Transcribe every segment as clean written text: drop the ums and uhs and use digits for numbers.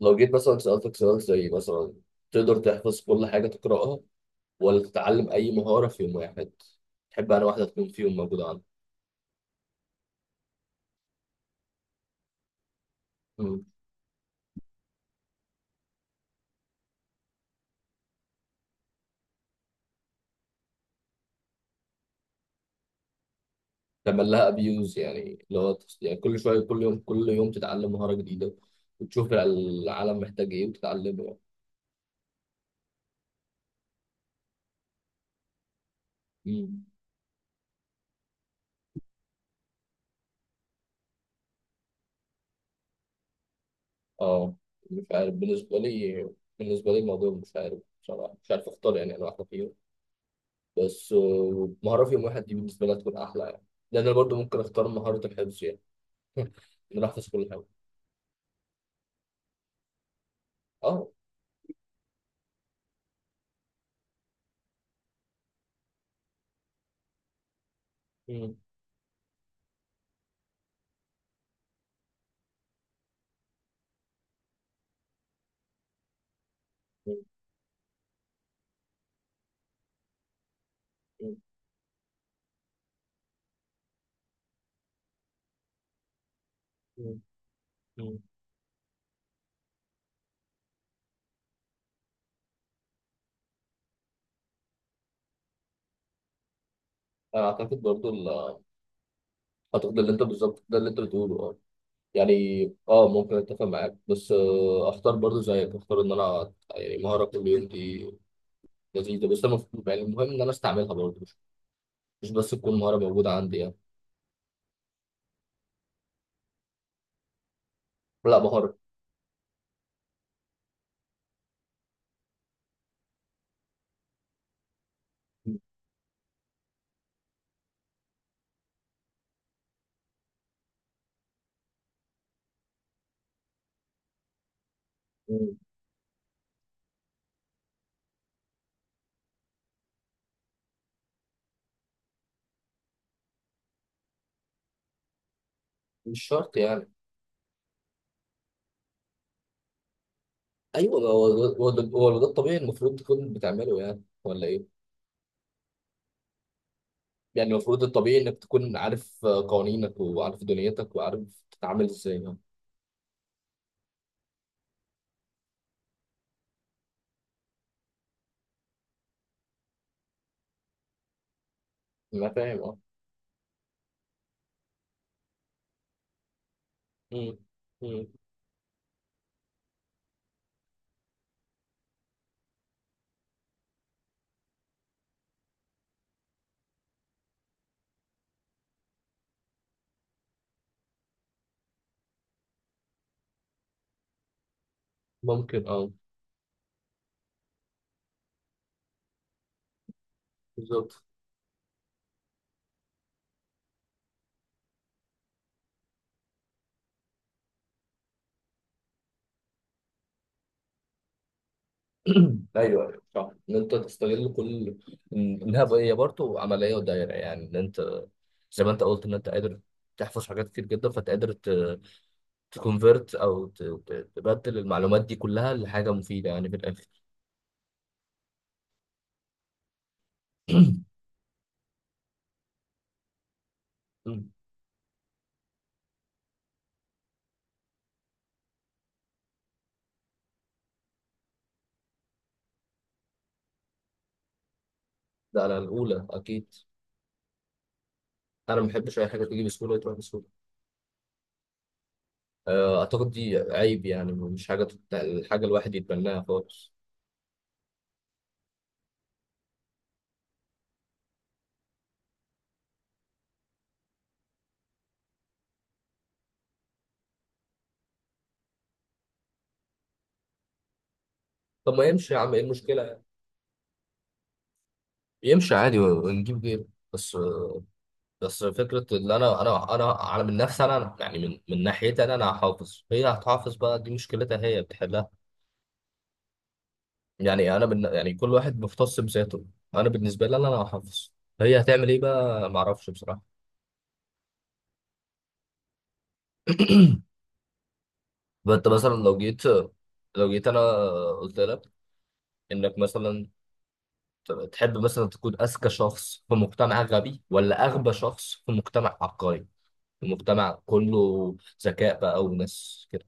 لو جيت مثلا سألتك سؤال زي مثلا: تقدر تحفظ كل حاجة تقرأها، ولا تتعلم أي مهارة في يوم واحد؟ تحب أنا واحدة تكون في يوم موجودة عندك؟ مم. تعمل لها أبيوز، يعني لو يعني كل شوية كل يوم كل يوم تتعلم مهارة جديدة، وتشوف العالم محتاج إيه وتتعلمه يعني. مم. أه، مش عارف بالنسبة لي. بالنسبة لي الموضوع مش عارف بصراحة، مش عارف أختار يعني أنا واحدة فيهم. بس مهارة في يوم واحد دي بالنسبة لي هتكون أحلى يعني. لأن أنا برضه ممكن أختار مهارة الحفظ يعني. إن أنا أحفظ كل حاجة. اه. مم. مم. مم. مم. مم. انا اعتقد برضو، اعتقد اللي انت بالظبط، ده اللي انت بتقوله، اه. يعني اه، ممكن اتفق معاك، بس اختار برضو زيك، اختار ان انا يعني مهاره كل يوم دي لذيذه، بس انا يعني المهم ان انا استعملها برضو، مش بس تكون مهاره موجوده عندي يعني. لا، مهاره. مم. مم. مش شرط يعني. ايوه، هو ده، هو ده الطبيعي المفروض تكون بتعمله، يعني ولا ايه؟ يعني المفروض الطبيعي انك تكون عارف قوانينك، وعارف دنيتك، وعارف تتعامل ازاي يعني. انا فاهم، اه. مم. مم. ممكن، اه. بالظبط. ايوه، ايوه، صح، ان انت تستغل كل هي برضه عمليه ودايره، يعني ان انت زي ما انت قلت ان انت قادر تحفظ حاجات كتير جدا، فانت قادر تكونفرت، او تبدل المعلومات دي كلها لحاجه مفيده، يعني في الاخر. مم. ده على الاولى اكيد. انا ما بحبش اي حاجه تيجي بسهوله وتروح بسهوله. آه، اعتقد دي عيب، يعني مش حاجه الحاجه الواحد يتبناها خالص. طب ما يمشي يا عم، ايه المشكله؟ يمشي عادي ونجيب غيره. بس. بس فكرة إن أنا من نفسي، أنا يعني، من ناحيتي، أنا هحافظ، هي هتحافظ بقى، دي مشكلتها هي بتحلها. يعني أنا من، يعني كل واحد مختص بذاته. أنا بالنسبة لي، أنا هحافظ. هي هتعمل إيه بقى؟ معرفش بصراحة. فأنت مثلا لو جيت أنا قلت لك إنك مثلا تحب مثلا تكون أذكى شخص في مجتمع غبي، ولا أغبى شخص في مجتمع عبقري؟ في مجتمع كله ذكاء بقى وناس كده.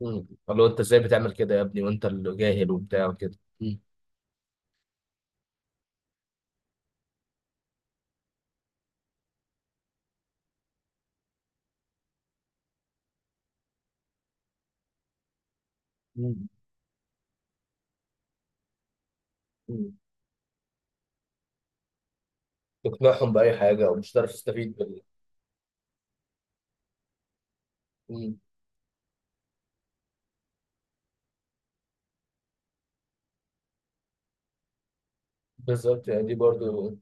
مم. قال له انت ازاي بتعمل كده يا ابني، وانت اللي جاهل وبتاع وكده. مم. مم. مم. تقنعهم بأي حاجة، أو مش هتعرف تستفيد بال. مم. بالظبط، يعني دي برضو.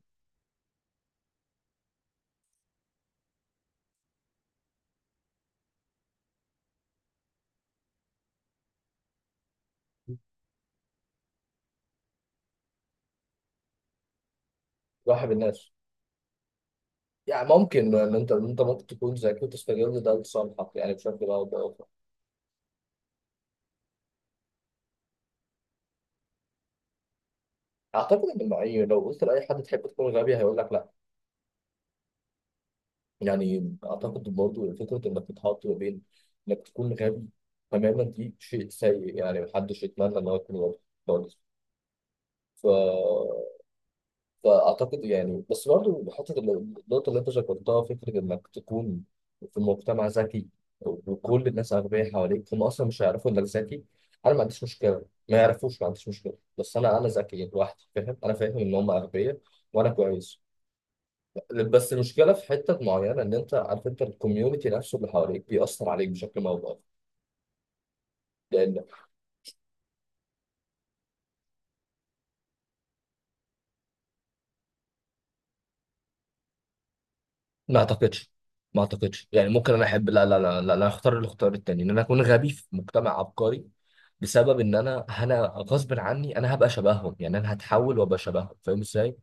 صاحب الناس. يعني ممكن ان انت ممكن تكون ذكي، وتستغل ده لصالحك يعني، بشكل او باخر. اعتقد ان معي، لو قلت لاي حد تحب تكون غبي هيقول لك لا. يعني اعتقد برضو، فكره انك تتحط ما بين انك تكون غبي تماما دي شيء سيء، يعني محدش يتمنى ان هو يكون غبي خالص. ف فاعتقد يعني، بس برضه النقطه اللي انت ذكرتها، فكره انك تكون في مجتمع ذكي وكل الناس اغبياء حواليك، هم اصلا مش هيعرفوا انك ذكي. انا ما عنديش مشكله، ما يعرفوش، ما عنديش مشكله، بس انا ذكي لوحدي، فاهم، انا فاهم ان هم اغبياء. وانا كويس. بس المشكله في حته معينه، ان انت عارف، انت الكوميونتي نفسه اللي حواليك بيأثر عليك بشكل ما او بآخر، لان ما اعتقدش ما اعتقدش يعني، ممكن انا احب، لا، لا، لا، لا، انا اختار الاختيار التاني ان انا اكون غبي في مجتمع عبقري، بسبب ان انا غصب عني، انا هبقى شبههم، يعني انا هتحول وابقى شبههم، فاهم ازاي؟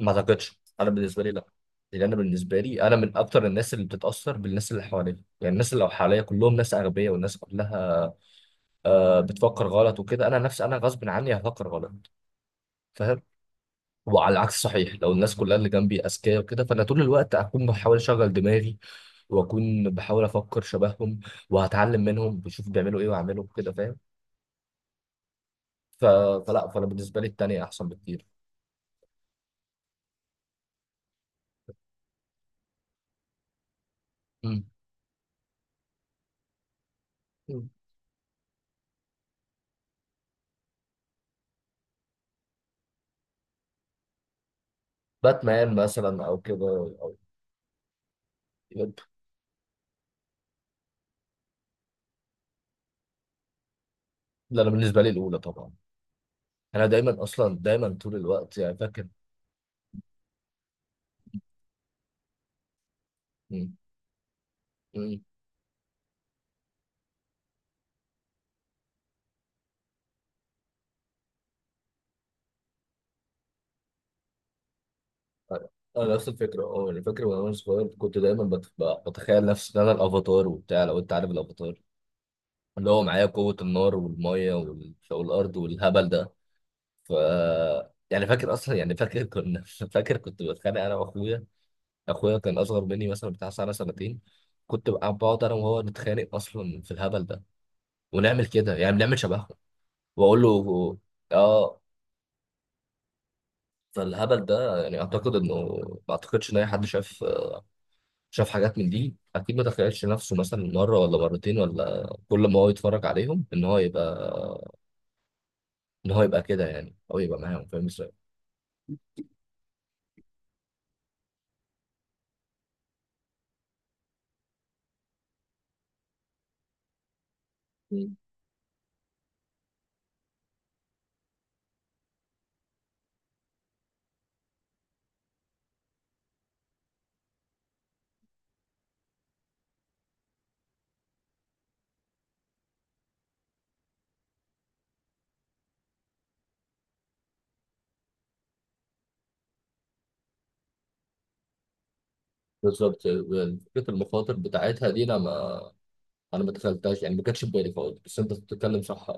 ما اعتقدش، انا بالنسبه لي، لا. لان انا بالنسبه لي، انا من اكتر الناس اللي بتتاثر بالناس اللي حواليا، يعني الناس اللي حواليا كلهم ناس اغبياء، والناس كلها بتفكر غلط وكده، انا نفسي انا غصب عني هفكر غلط. فاهم؟ وعلى العكس صحيح، لو الناس كلها اللي جنبي اذكياء وكده، فانا طول الوقت اكون بحاول اشغل دماغي، واكون بحاول افكر شبههم، وهتعلم منهم بشوف بيعملوا ايه واعمله كده، فاهم؟ ف... فلا، فانا بالنسبه لي التانية احسن بكتير. مم. مم. باتمان مثلا او كده، او لا، انا بالنسبه لي الاولى طبعا. انا دايما اصلا، دايما طول الوقت يعني فاكر. مم. مم. انا نفس الفكره، اه، انا فاكر وانا صغير كنت دايما بتخيل نفسي ان انا الافاتار وبتاع، لو انت عارف الافاتار، اللي هو معايا قوة النار والمية والفوق الأرض والهبل ده. ف يعني فاكر أصلا، يعني فاكر كنا فاكر كنت بتخانق أنا وأخويا. أخويا كان أصغر مني مثلا بتاع سنة سنتين. كنت بقى بقعد أنا وهو نتخانق أصلا في الهبل ده، ونعمل كده، يعني بنعمل شبههم. وأقول له آه. فالهبل ده، يعني أعتقد إنه، ما أعتقدش إن أي حد شاف حاجات من دي أكيد ما تخيلش نفسه مثلا مرة ولا مرتين، ولا كل ما هو يتفرج عليهم إن هو يبقى كده يعني، أو يبقى معاهم، فاهم إزاي؟ بالظبط، فكرة المخاطر بتاعتها دي، أنا ما دخلتهاش، يعني ما كانتش في بالي خالص، بس أنت بتتكلم صح.